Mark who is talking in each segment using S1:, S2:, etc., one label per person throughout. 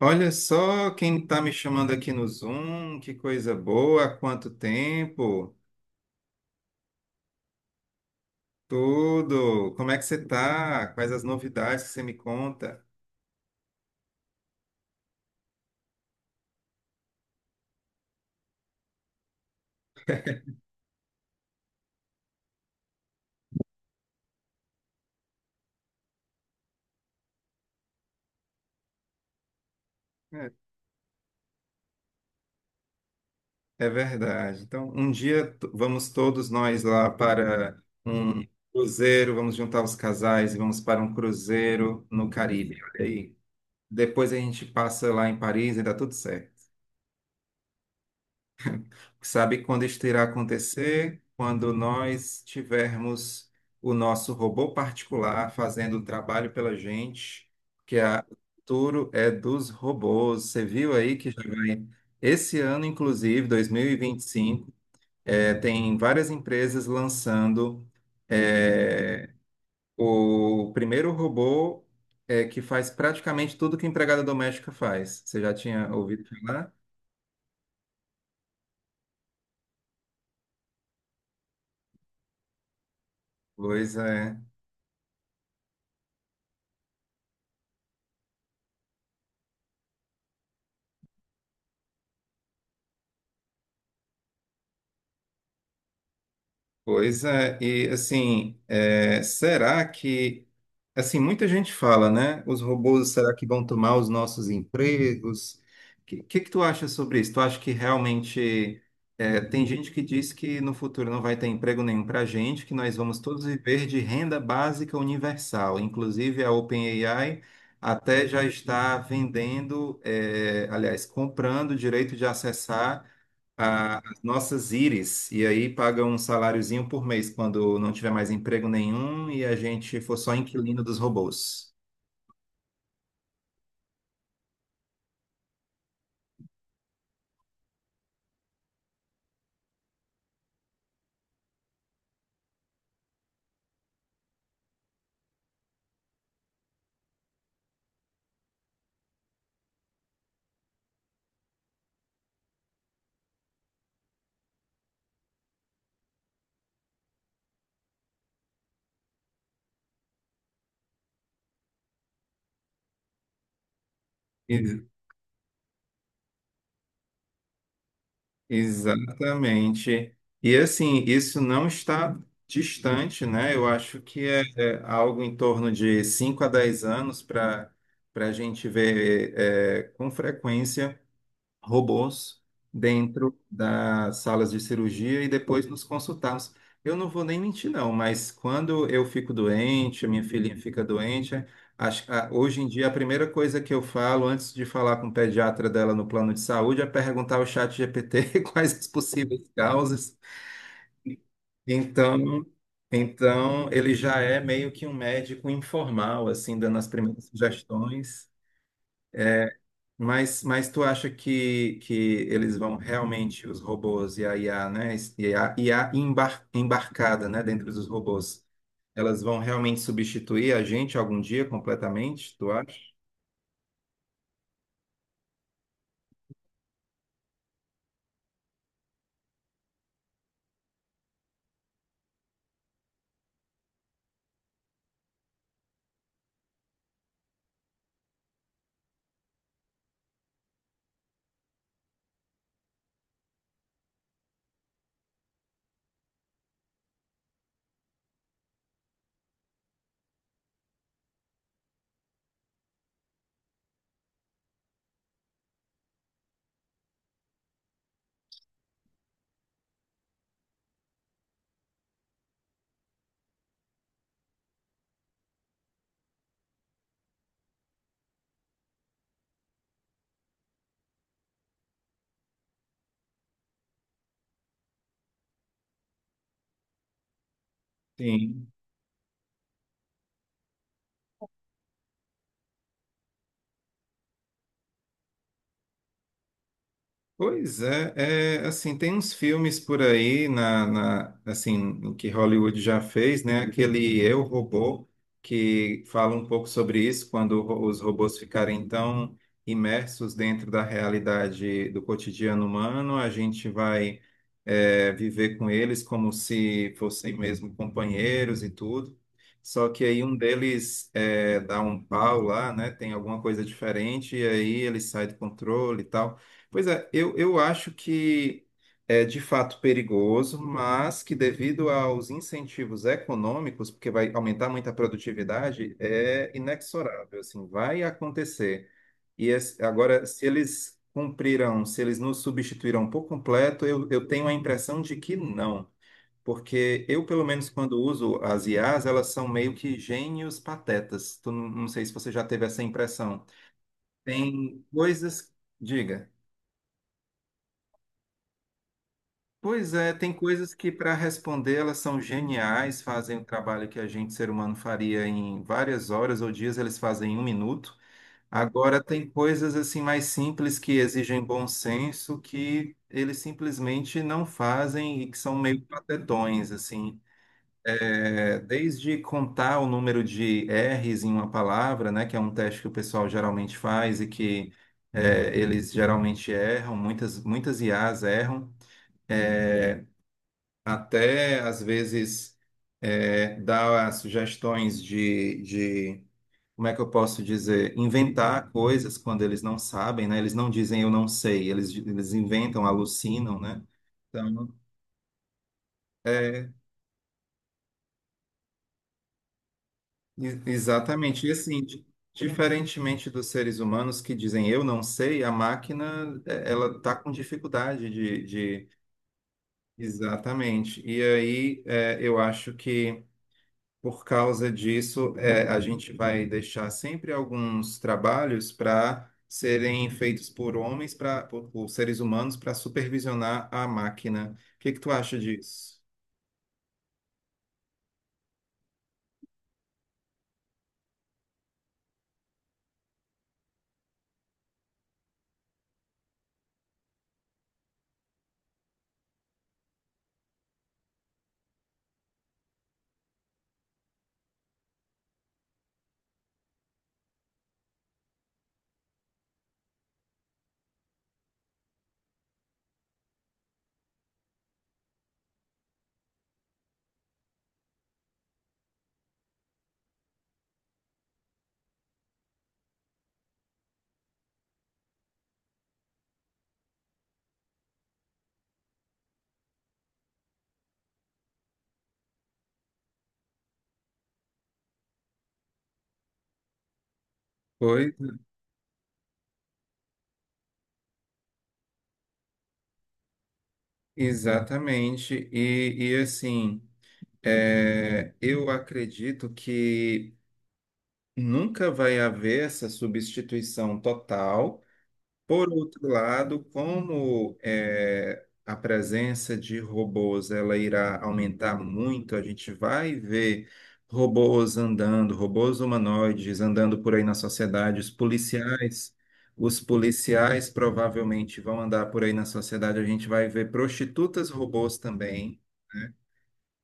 S1: Olha só quem está me chamando aqui no Zoom, que coisa boa, há quanto tempo, tudo, como é que você está? Quais as novidades que você me conta? É, é verdade. Então, um dia vamos todos nós lá para um cruzeiro, vamos juntar os casais e vamos para um cruzeiro no Caribe, olha aí. Depois a gente passa lá em Paris e dá tudo certo. Sabe quando isso irá acontecer? Quando nós tivermos o nosso robô particular fazendo o trabalho pela gente, que é a o futuro é dos robôs. Você viu aí que já vai esse ano, inclusive, 2025, tem várias empresas lançando eh, o primeiro robô que faz praticamente tudo que a empregada doméstica faz. Você já tinha ouvido falar? Pois é. Pois é, e assim, assim, muita gente fala, né? Os robôs, será que vão tomar os nossos empregos? O que tu acha sobre isso? Tu acha que realmente, tem gente que diz que no futuro não vai ter emprego nenhum para gente, que nós vamos todos viver de renda básica universal. Inclusive, a OpenAI até já está vendendo, aliás, comprando o direito de acessar a nossas íris, e aí paga um saláriozinho por mês quando não tiver mais emprego nenhum e a gente for só inquilino dos robôs. E- Exatamente. E assim, isso não está distante, né? Eu acho que é algo em torno de 5 a 10 anos para a gente ver com frequência robôs dentro das salas de cirurgia e depois nos consultarmos. Eu não vou nem mentir, não, mas quando eu fico doente, a minha filhinha fica doente, hoje em dia a primeira coisa que eu falo antes de falar com o pediatra dela no plano de saúde é perguntar ao chat GPT quais as possíveis causas. Então, ele já é meio que um médico informal, assim, dando as primeiras sugestões. Mas, tu acha que eles vão realmente, os robôs e a IA, né? E a IA embarcada, né, dentro dos robôs, elas vão realmente substituir a gente algum dia completamente, tu acha? Sim. Pois é, assim, tem uns filmes por aí assim, que Hollywood já fez, né? Aquele Eu, Robô, que fala um pouco sobre isso, quando os robôs ficarem tão imersos dentro da realidade do cotidiano humano, a gente vai, viver com eles como se fossem mesmo companheiros e tudo. Só que aí um deles dá um pau lá, né? Tem alguma coisa diferente e aí ele sai do controle e tal. Pois é, eu acho que é de fato perigoso, mas que devido aos incentivos econômicos, porque vai aumentar muito a produtividade, é inexorável, assim, vai acontecer. Agora, se eles cumprirão, se eles nos substituirão por completo, eu tenho a impressão de que não. Porque eu, pelo menos, quando uso as IAs, elas são meio que gênios patetas. Tu, não não sei se você já teve essa impressão. Tem coisas. Diga. Pois é, tem coisas que para responder elas são geniais, fazem o trabalho que a gente, ser humano, faria em várias horas ou dias, eles fazem em um minuto. Agora tem coisas assim mais simples que exigem bom senso que eles simplesmente não fazem e que são meio patetões, assim. É, desde contar o número de R's em uma palavra, né, que é um teste que o pessoal geralmente faz e que eles geralmente erram, muitas IAs erram até às vezes dar sugestões como é que eu posso dizer, inventar coisas quando eles não sabem, né? Eles não dizem eu não sei, eles inventam, alucinam, né? Então, é, exatamente. E assim, diferentemente dos seres humanos que dizem eu não sei, a máquina, ela está com dificuldade. Exatamente. E aí, eu acho que por causa disso, é, a gente vai deixar sempre alguns trabalhos para serem feitos por homens, por seres humanos, para supervisionar a máquina. O que que tu acha disso? Pois, exatamente. E, assim, eu acredito que nunca vai haver essa substituição total. Por outro lado, como a presença de robôs ela irá aumentar muito, a gente vai ver robôs andando, robôs humanoides andando por aí na sociedade, os policiais provavelmente vão andar por aí na sociedade, a gente vai ver prostitutas robôs também.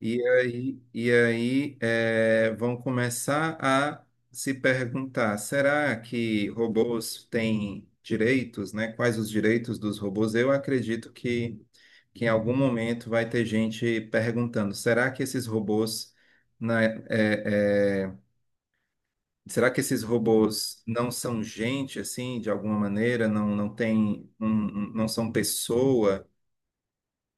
S1: E aí, vão começar a se perguntar: será que robôs têm direitos, né? Quais os direitos dos robôs? Eu acredito que em algum momento vai ter gente perguntando: né, eh, eh, será que esses robôs não são gente assim, de alguma maneira? Não, não tem, não, não são pessoa?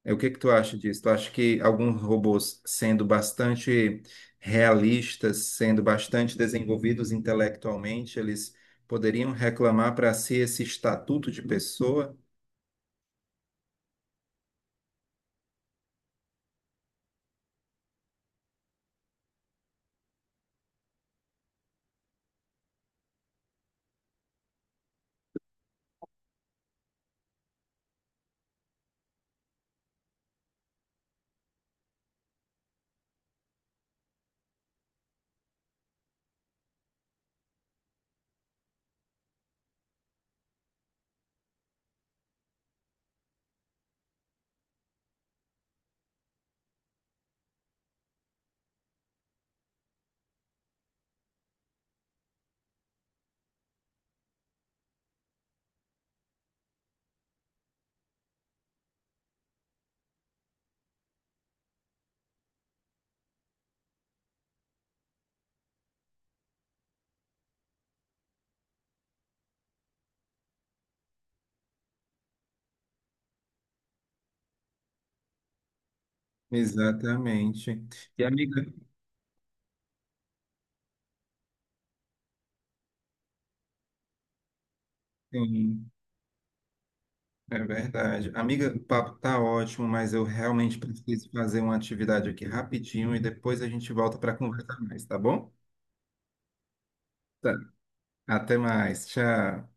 S1: O que que tu acha disso? Tu acha que alguns robôs, sendo bastante realistas, sendo bastante desenvolvidos intelectualmente, eles poderiam reclamar para si esse estatuto de pessoa? Exatamente. E amiga, sim, é verdade. Amiga, o papo tá ótimo, mas eu realmente preciso fazer uma atividade aqui rapidinho e depois a gente volta para conversar mais, tá bom? Tá. Até mais. Tchau.